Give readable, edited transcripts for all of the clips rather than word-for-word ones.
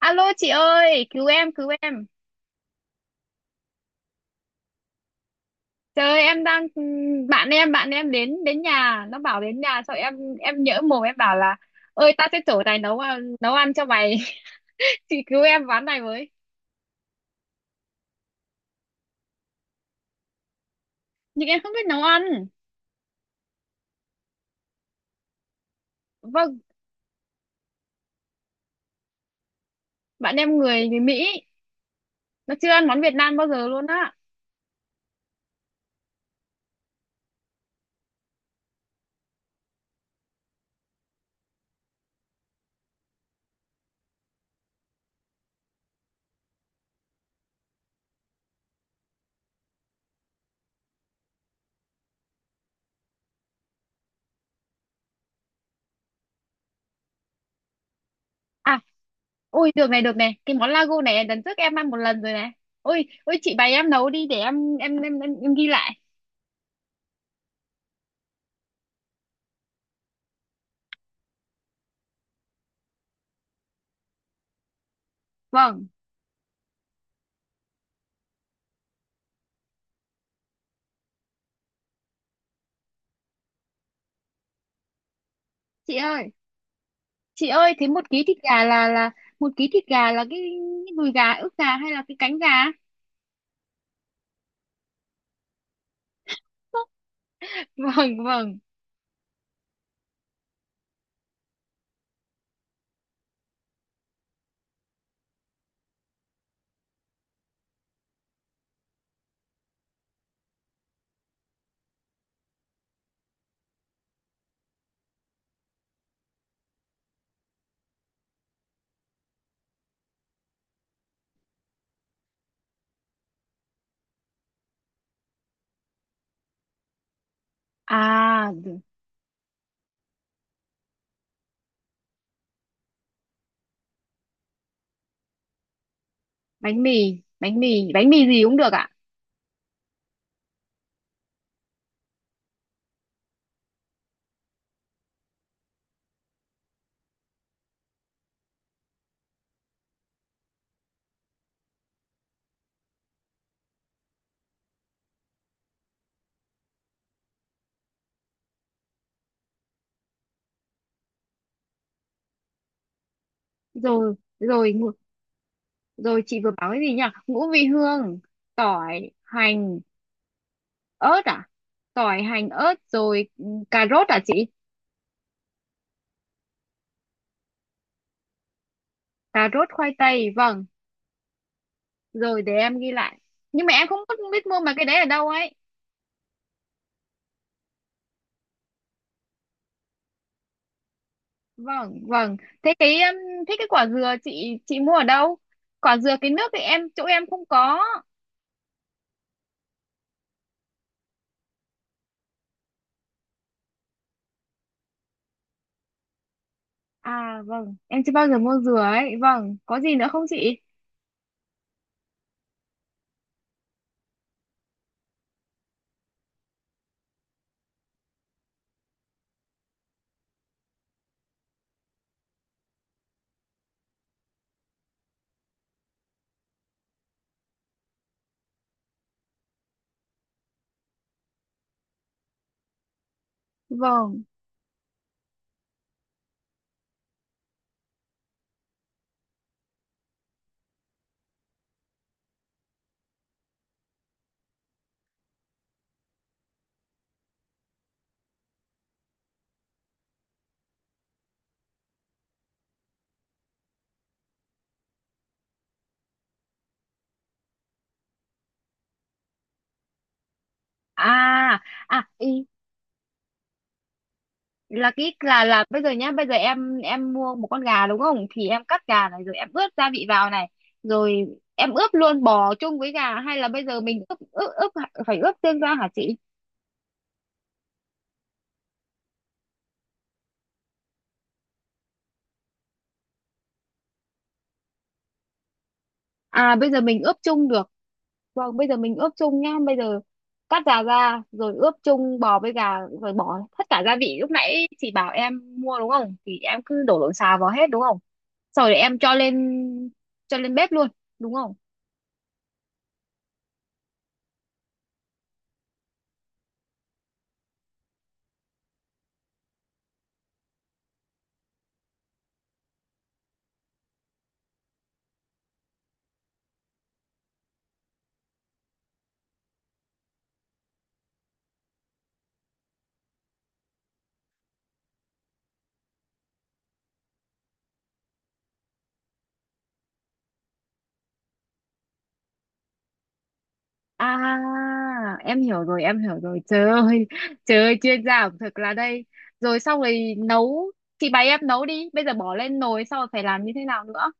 Alo chị ơi, cứu em, cứu em. Trời ơi, em đang bạn em đến đến nhà, nó bảo đến nhà sao em nhỡ mồm em bảo là ơi, tao sẽ chở tài nấu ăn cho mày. Chị cứu em ván này với. Nhưng em không biết nấu ăn. Vâng, bạn em người người Mỹ, nó chưa ăn món Việt Nam bao giờ luôn á. À, ôi được này, được này, cái món lago này lần trước em ăn một lần rồi này. Ôi, ôi chị bày em nấu đi để em ghi lại. Vâng, chị ơi. chị ơi, thế một ký thịt gà là một ký thịt gà là cái đùi gà, ức gà hay là cái cánh gà? Vâng, vâng. À, bánh mì bánh mì gì cũng được ạ. Rồi, rồi. Rồi, chị vừa bảo cái gì nhỉ? Ngũ vị hương, tỏi hành ớt à? Tỏi hành ớt, rồi. Ừ, cà rốt à chị? Cà rốt khoai tây, vâng. Rồi để em ghi lại. Nhưng mà em không biết biết mua mà cái đấy ở đâu ấy. Vâng, vâng. Thế cái thế cái quả dừa chị mua ở đâu? Quả dừa cái nước thì em chỗ em không có. À, vâng, em chưa bao giờ mua dừa ấy. Vâng, có gì nữa không chị? Vâng. À. À ý, là cái là bây giờ nhá, bây giờ em mua một con gà đúng không? Thì em cắt gà này, rồi em ướp gia vị vào này. Rồi em ướp luôn bò chung với gà hay là bây giờ mình ướp ướp, ướp phải ướp riêng ra hả chị? À, bây giờ mình ướp chung được. Vâng, bây giờ mình ướp chung nhá. Bây giờ cắt giá ra, rồi ướp chung bò với gà, rồi bỏ tất cả gia vị lúc nãy chị bảo em mua, đúng không? Thì em cứ đổ lộn xào vào hết, đúng không? Sau rồi em cho lên bếp luôn, đúng không? À, em hiểu rồi, em hiểu rồi. Trời ơi, trời ơi, chuyên gia ẩm thực là đây. Rồi xong rồi nấu, chị bày em nấu đi. Bây giờ bỏ lên nồi, sau rồi phải làm như thế nào nữa?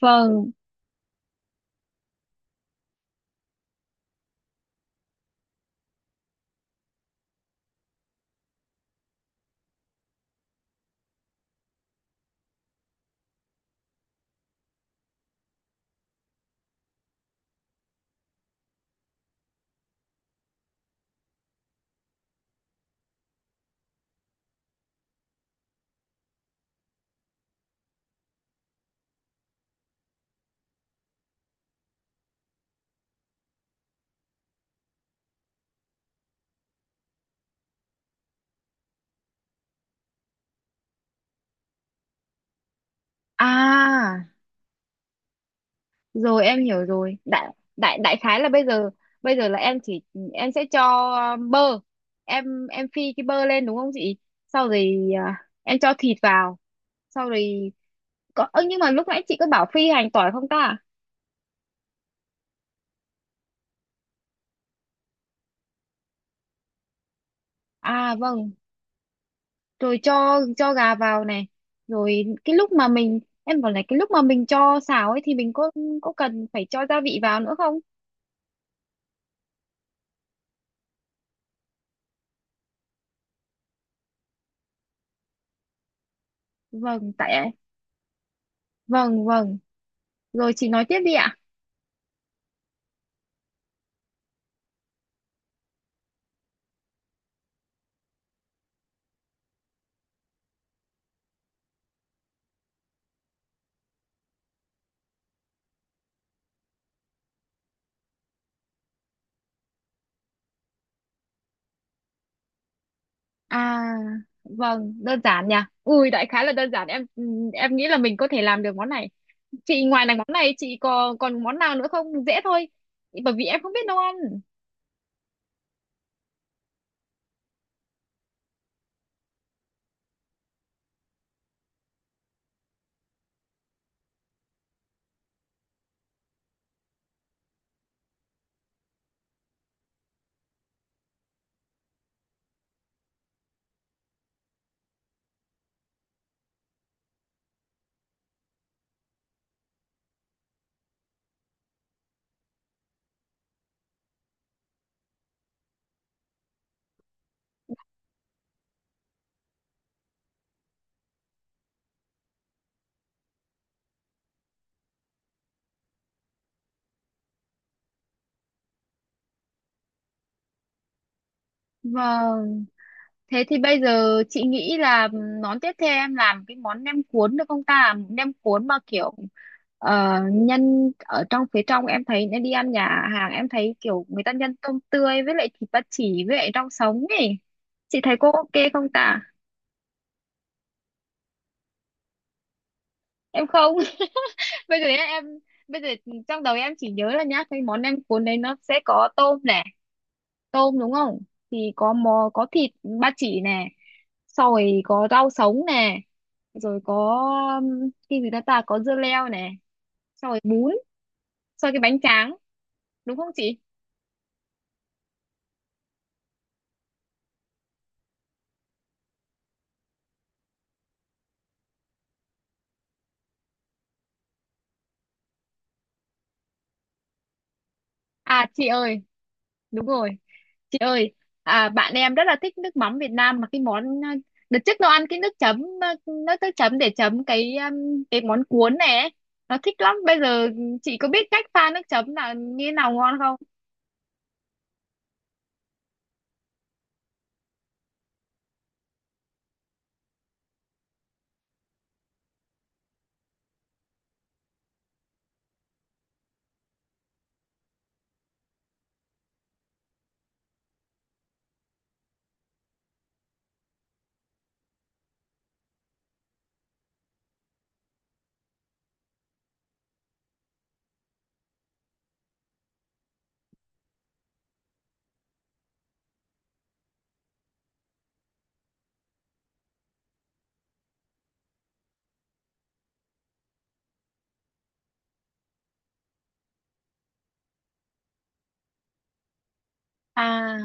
Vâng. À, rồi em hiểu rồi. Đại đại đại khái là bây giờ, bây giờ là em chỉ, em sẽ cho bơ. Em phi cái bơ lên đúng không chị? Sau rồi à, em cho thịt vào, sau rồi có ơ, nhưng mà lúc nãy chị có bảo phi hành tỏi không ta? À, vâng. Rồi cho gà vào này. Rồi cái lúc mà mình em bảo này, cái lúc mà mình cho xào ấy thì mình có cần phải cho gia vị vào nữa không? Vâng tại. Vâng, vâng. Rồi chị nói tiếp đi ạ. À, vâng, đơn giản nhỉ. Ui, đại khái là đơn giản. Em nghĩ là mình có thể làm được món này. Chị ngoài này món này chị có còn món nào nữa không? Dễ thôi. Bởi vì em không biết nấu ăn. Vâng, thế thì bây giờ chị nghĩ là món tiếp theo em làm cái món nem cuốn được không ta? Nem cuốn mà kiểu nhân ở trong phía trong em thấy nên đi ăn nhà hàng em thấy kiểu người ta nhân tôm tươi với lại thịt ba chỉ với lại rau sống ấy. Chị thấy cô ok không ta? Em không. Bây giờ nhá em, bây giờ trong đầu em chỉ nhớ là nhá cái món nem cuốn đấy nó sẽ có tôm này, tôm đúng không? Thì có mò có thịt ba chỉ này, sau rồi có rau sống nè, rồi có cái gì đó ta, có dưa leo nè, sau rồi bún, sau cái bánh tráng, đúng không chị? À, chị ơi, đúng rồi. Chị ơi, à, bạn em rất là thích nước mắm Việt Nam, mà cái món đợt trước nó ăn cái nước chấm nước nước chấm để chấm cái món cuốn này ấy. Nó thích lắm. Bây giờ chị có biết cách pha nước chấm là như nào ngon không? À,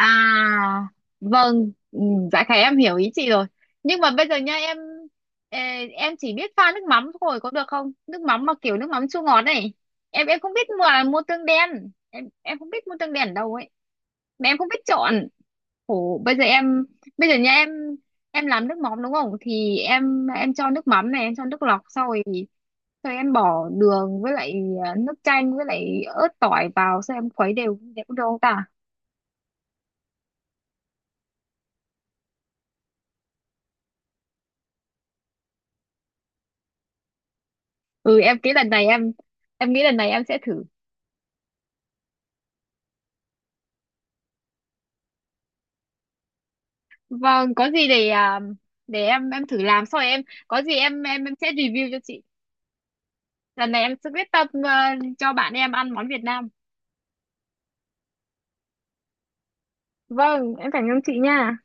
à, vâng, ừ, dạ khải em hiểu ý chị rồi. Nhưng mà bây giờ nha em, ờ, em chỉ biết pha nước mắm thôi có được không? Nước mắm mà kiểu nước mắm chua ngọt này. Em không biết mua mua tương đen. Em không biết mua tương đen ở đâu ấy. Mà em không biết chọn. Ủa, bây giờ em, bây giờ nha em làm nước mắm đúng không? Thì em cho nước mắm này, em cho nước lọc, sau rồi em bỏ đường với lại à, nước chanh với lại ớt tỏi vào sau em khuấy đều đều cũng được không ta? Ừ, em nghĩ lần này em nghĩ lần này em sẽ thử. Vâng, có gì để để em thử làm, sau rồi em, có gì em sẽ review cho chị. Lần này em sẽ quyết tâm cho bạn em ăn món Việt Nam. Vâng, em cảm ơn chị nha.